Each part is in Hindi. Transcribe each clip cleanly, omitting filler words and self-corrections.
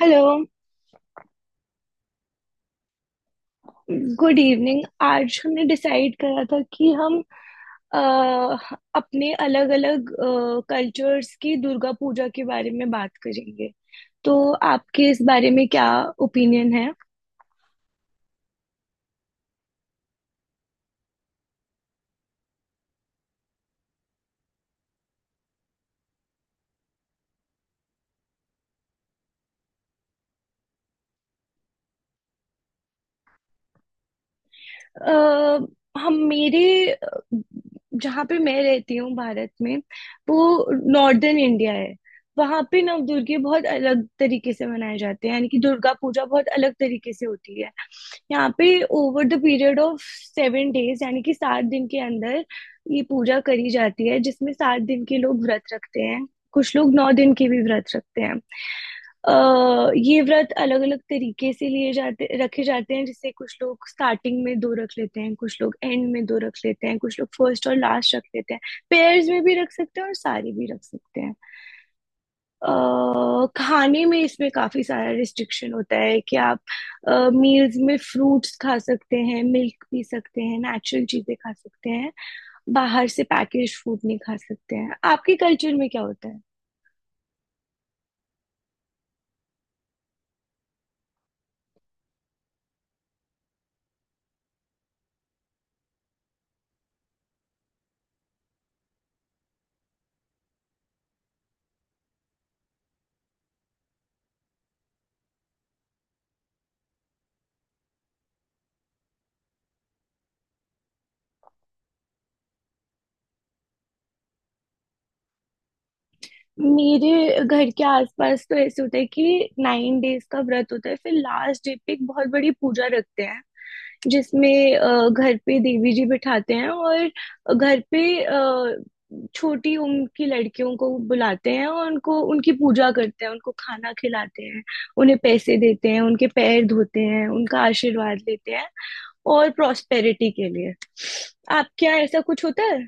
हेलो। Good evening. आज हमने डिसाइड करा था कि हम अ, अपने अलग अलग कल्चर्स की दुर्गा पूजा के बारे में बात करेंगे। तो आपके इस बारे में क्या ओपिनियन है? अ, हम मेरे अ, जहाँ पे मैं रहती हूँ भारत में, वो नॉर्दर्न इंडिया है। वहाँ पे नवदुर्गे बहुत अलग तरीके से मनाए जाते हैं, यानी कि दुर्गा पूजा बहुत अलग तरीके से होती है। यहाँ पे over the period of 7 days, यानी कि 7 दिन के अंदर ये पूजा करी जाती है जिसमें 7 दिन के लोग व्रत रखते हैं। कुछ लोग 9 दिन के भी व्रत रखते हैं। अ, ये व्रत अलग अलग तरीके से लिए जाते रखे जाते हैं। जैसे कुछ लोग स्टार्टिंग में दो रख लेते हैं, कुछ लोग एंड में दो रख लेते हैं, कुछ लोग फर्स्ट और लास्ट रख लेते हैं। पेयर्स में भी रख सकते हैं और सारे भी रख सकते हैं। खाने में इसमें काफी सारा रिस्ट्रिक्शन होता है कि आप मील्स में फ्रूट्स खा सकते हैं, मिल्क पी सकते हैं, नेचुरल चीजें खा सकते हैं। बाहर से पैकेज फूड नहीं खा सकते हैं। आपके कल्चर में क्या होता है? मेरे घर के आसपास तो ऐसे होता है कि 9 डेज का व्रत होता है, फिर लास्ट डे पे एक बहुत बड़ी पूजा रखते हैं जिसमें घर पे देवी जी बिठाते हैं और घर पे छोटी उम्र की लड़कियों को बुलाते हैं और उनको उनकी पूजा करते हैं, उनको खाना खिलाते हैं, उन्हें पैसे देते हैं, उनके पैर धोते हैं, उनका आशीर्वाद लेते हैं और प्रॉस्पेरिटी के लिए। आपके यहाँ ऐसा कुछ होता है?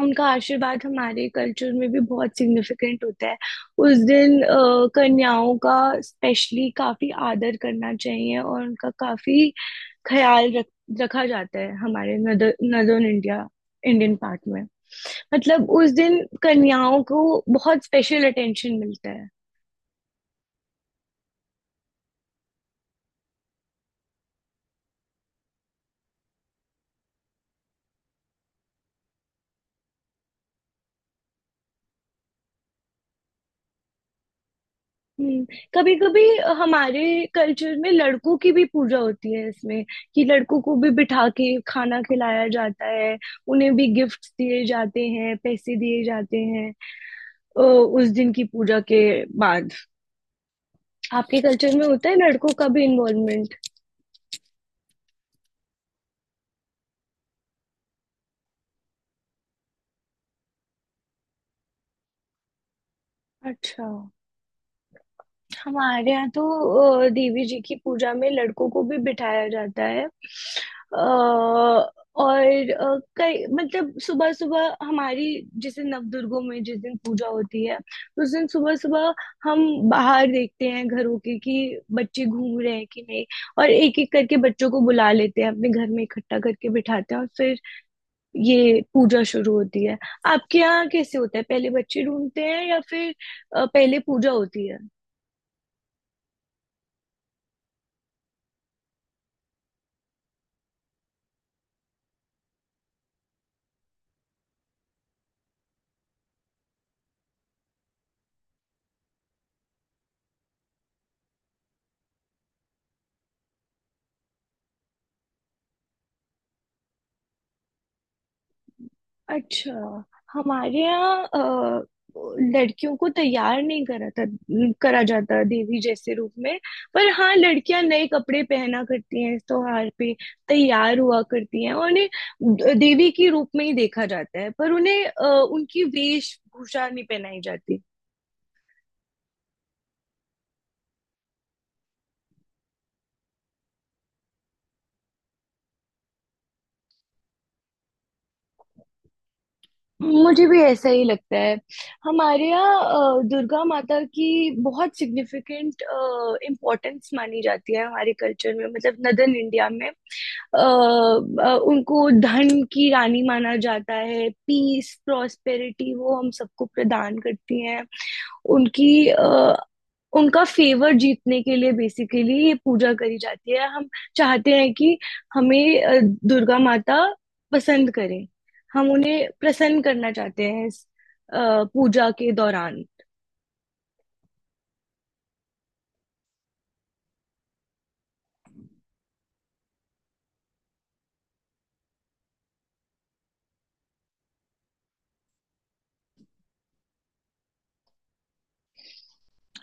उनका आशीर्वाद हमारे कल्चर में भी बहुत सिग्निफिकेंट होता है। उस दिन कन्याओं का स्पेशली काफी आदर करना चाहिए और उनका काफी ख्याल रख रखा जाता है हमारे नदर्न इंडिया इंडियन पार्ट में। मतलब उस दिन कन्याओं को बहुत स्पेशल अटेंशन मिलता है। हम्म। कभी कभी हमारे कल्चर में लड़कों की भी पूजा होती है इसमें, कि लड़कों को भी बिठा के खाना खिलाया जाता है, उन्हें भी गिफ्ट्स दिए जाते हैं, पैसे दिए जाते हैं उस दिन की पूजा के बाद। आपके कल्चर में होता है लड़कों का भी इन्वॉल्वमेंट? अच्छा। हमारे यहाँ तो देवी जी की पूजा में लड़कों को भी बिठाया जाता है। और कई मतलब सुबह सुबह हमारी, जैसे नवदुर्गों में जिस दिन पूजा होती है तो उस दिन सुबह सुबह हम बाहर देखते हैं घरों के कि बच्चे घूम रहे हैं कि नहीं। और एक एक करके बच्चों को बुला लेते हैं, अपने घर में इकट्ठा करके बिठाते हैं और फिर ये पूजा शुरू होती है। आपके यहाँ कैसे होता है, पहले बच्चे ढूंढते हैं या फिर पहले पूजा होती है? अच्छा। हमारे यहाँ लड़कियों को तैयार नहीं करा जाता देवी जैसे रूप में। पर हाँ लड़कियां नए कपड़े पहना करती हैं इस त्योहार पे, तैयार हुआ करती हैं और उन्हें देवी के रूप में ही देखा जाता है, पर उन्हें उनकी वेशभूषा नहीं पहनाई जाती। मुझे भी ऐसा ही लगता है। हमारे यहाँ दुर्गा माता की बहुत सिग्निफिकेंट इम्पोर्टेंस मानी जाती है हमारे कल्चर में, मतलब नदर्न इंडिया में। उनको धन की रानी माना जाता है। पीस प्रॉस्पेरिटी वो हम सबको प्रदान करती हैं। उनकी उनका फेवर जीतने के लिए बेसिकली ये पूजा करी जाती है। हम चाहते हैं कि हमें दुर्गा माता पसंद करें। हम उन्हें प्रसन्न करना चाहते हैं इस अ, पूजा के दौरान।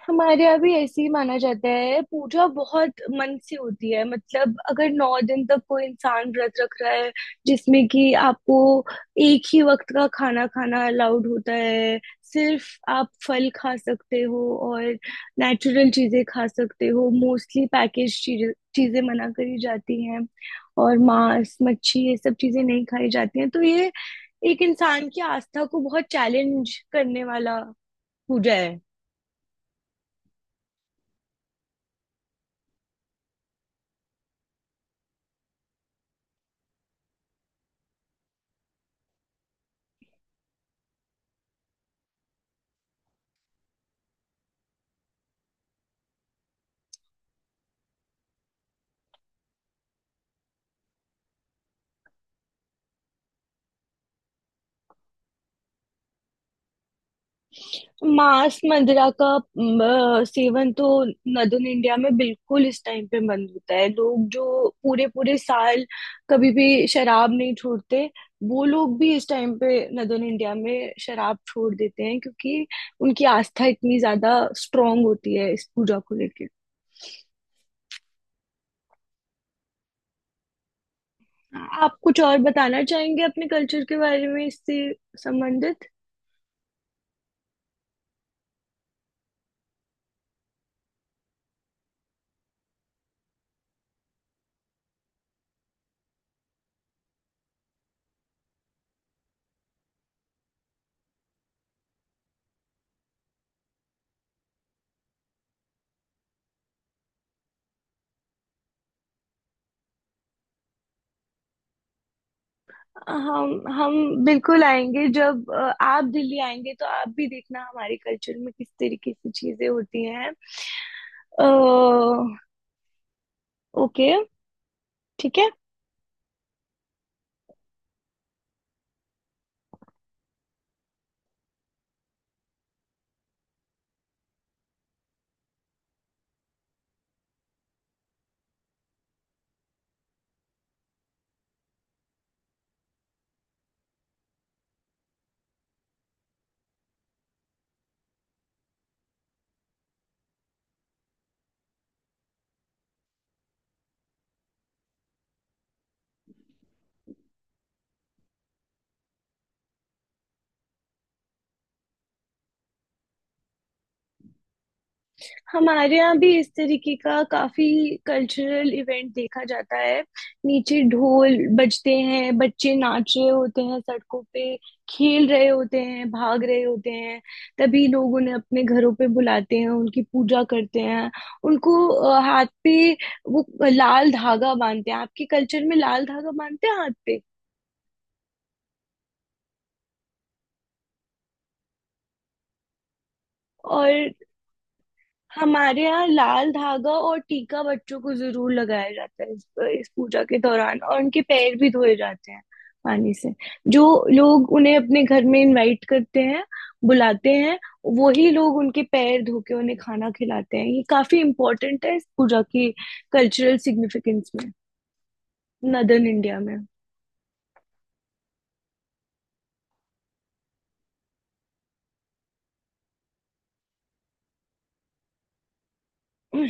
हमारे यहाँ भी ऐसे ही माना जाता है। पूजा बहुत मन से होती है। मतलब अगर 9 दिन तक कोई इंसान व्रत रख रहा है, जिसमें कि आपको एक ही वक्त का खाना खाना अलाउड होता है, सिर्फ आप फल खा सकते हो और नेचुरल चीजें खा सकते हो। मोस्टली पैकेज चीजें चीजें मना करी जाती हैं और मांस मच्छी ये सब चीजें नहीं खाई जाती हैं। तो ये एक इंसान की आस्था को बहुत चैलेंज करने वाला पूजा है। मांस मंदिरा का म, सेवन तो नदन इंडिया में बिल्कुल इस टाइम पे बंद होता है। लोग जो पूरे पूरे साल कभी भी शराब नहीं छोड़ते, वो लोग भी इस टाइम पे नदन इंडिया में शराब छोड़ देते हैं, क्योंकि उनकी आस्था इतनी ज्यादा स्ट्रांग होती है इस पूजा को लेके। आप कुछ और बताना चाहेंगे अपने कल्चर के बारे में इससे संबंधित? हम बिल्कुल आएंगे। जब आप दिल्ली आएंगे तो आप भी देखना हमारे कल्चर में किस तरीके की चीजें होती हैं। अ, ओके, ठीक है। हमारे यहाँ भी इस तरीके का काफी कल्चरल इवेंट देखा जाता है। नीचे ढोल बजते हैं, बच्चे नाच रहे होते हैं सड़कों पे, खेल रहे होते हैं, भाग रहे होते हैं। तभी लोग उन्हें अपने घरों पे बुलाते हैं, उनकी पूजा करते हैं, उनको हाथ पे वो लाल धागा बांधते हैं। आपके कल्चर में लाल धागा बांधते हैं हाथ पे? और हमारे यहाँ लाल धागा और टीका बच्चों को जरूर लगाया जाता है इस पूजा के दौरान। और उनके पैर भी धोए जाते हैं पानी से। जो लोग उन्हें अपने घर में इनवाइट करते हैं, बुलाते हैं, वही लोग उनके पैर धो के उन्हें खाना खिलाते हैं। ये काफी इम्पोर्टेंट है इस पूजा की कल्चरल सिग्निफिकेंस में नदर्न इंडिया में।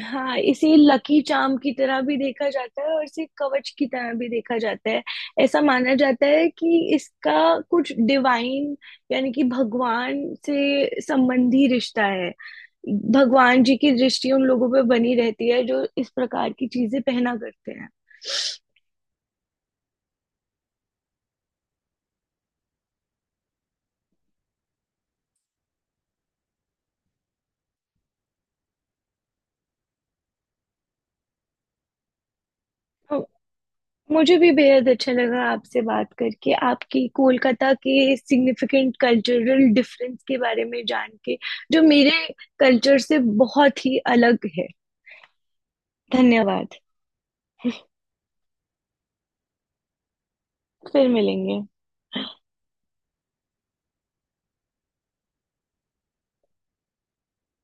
हाँ इसे लकी चार्म की तरह भी देखा जाता है और इसे कवच की तरह भी देखा जाता है। ऐसा माना जाता है कि इसका कुछ डिवाइन, यानी कि भगवान से संबंधी रिश्ता है। भगवान जी की दृष्टि उन लोगों पे बनी रहती है जो इस प्रकार की चीजें पहना करते हैं। तो मुझे भी बेहद अच्छा लगा आपसे बात करके, आपकी कोलकाता के सिग्निफिकेंट कल्चरल डिफरेंस के बारे में जान के, जो मेरे कल्चर से बहुत ही अलग है। धन्यवाद। फिर मिलेंगे।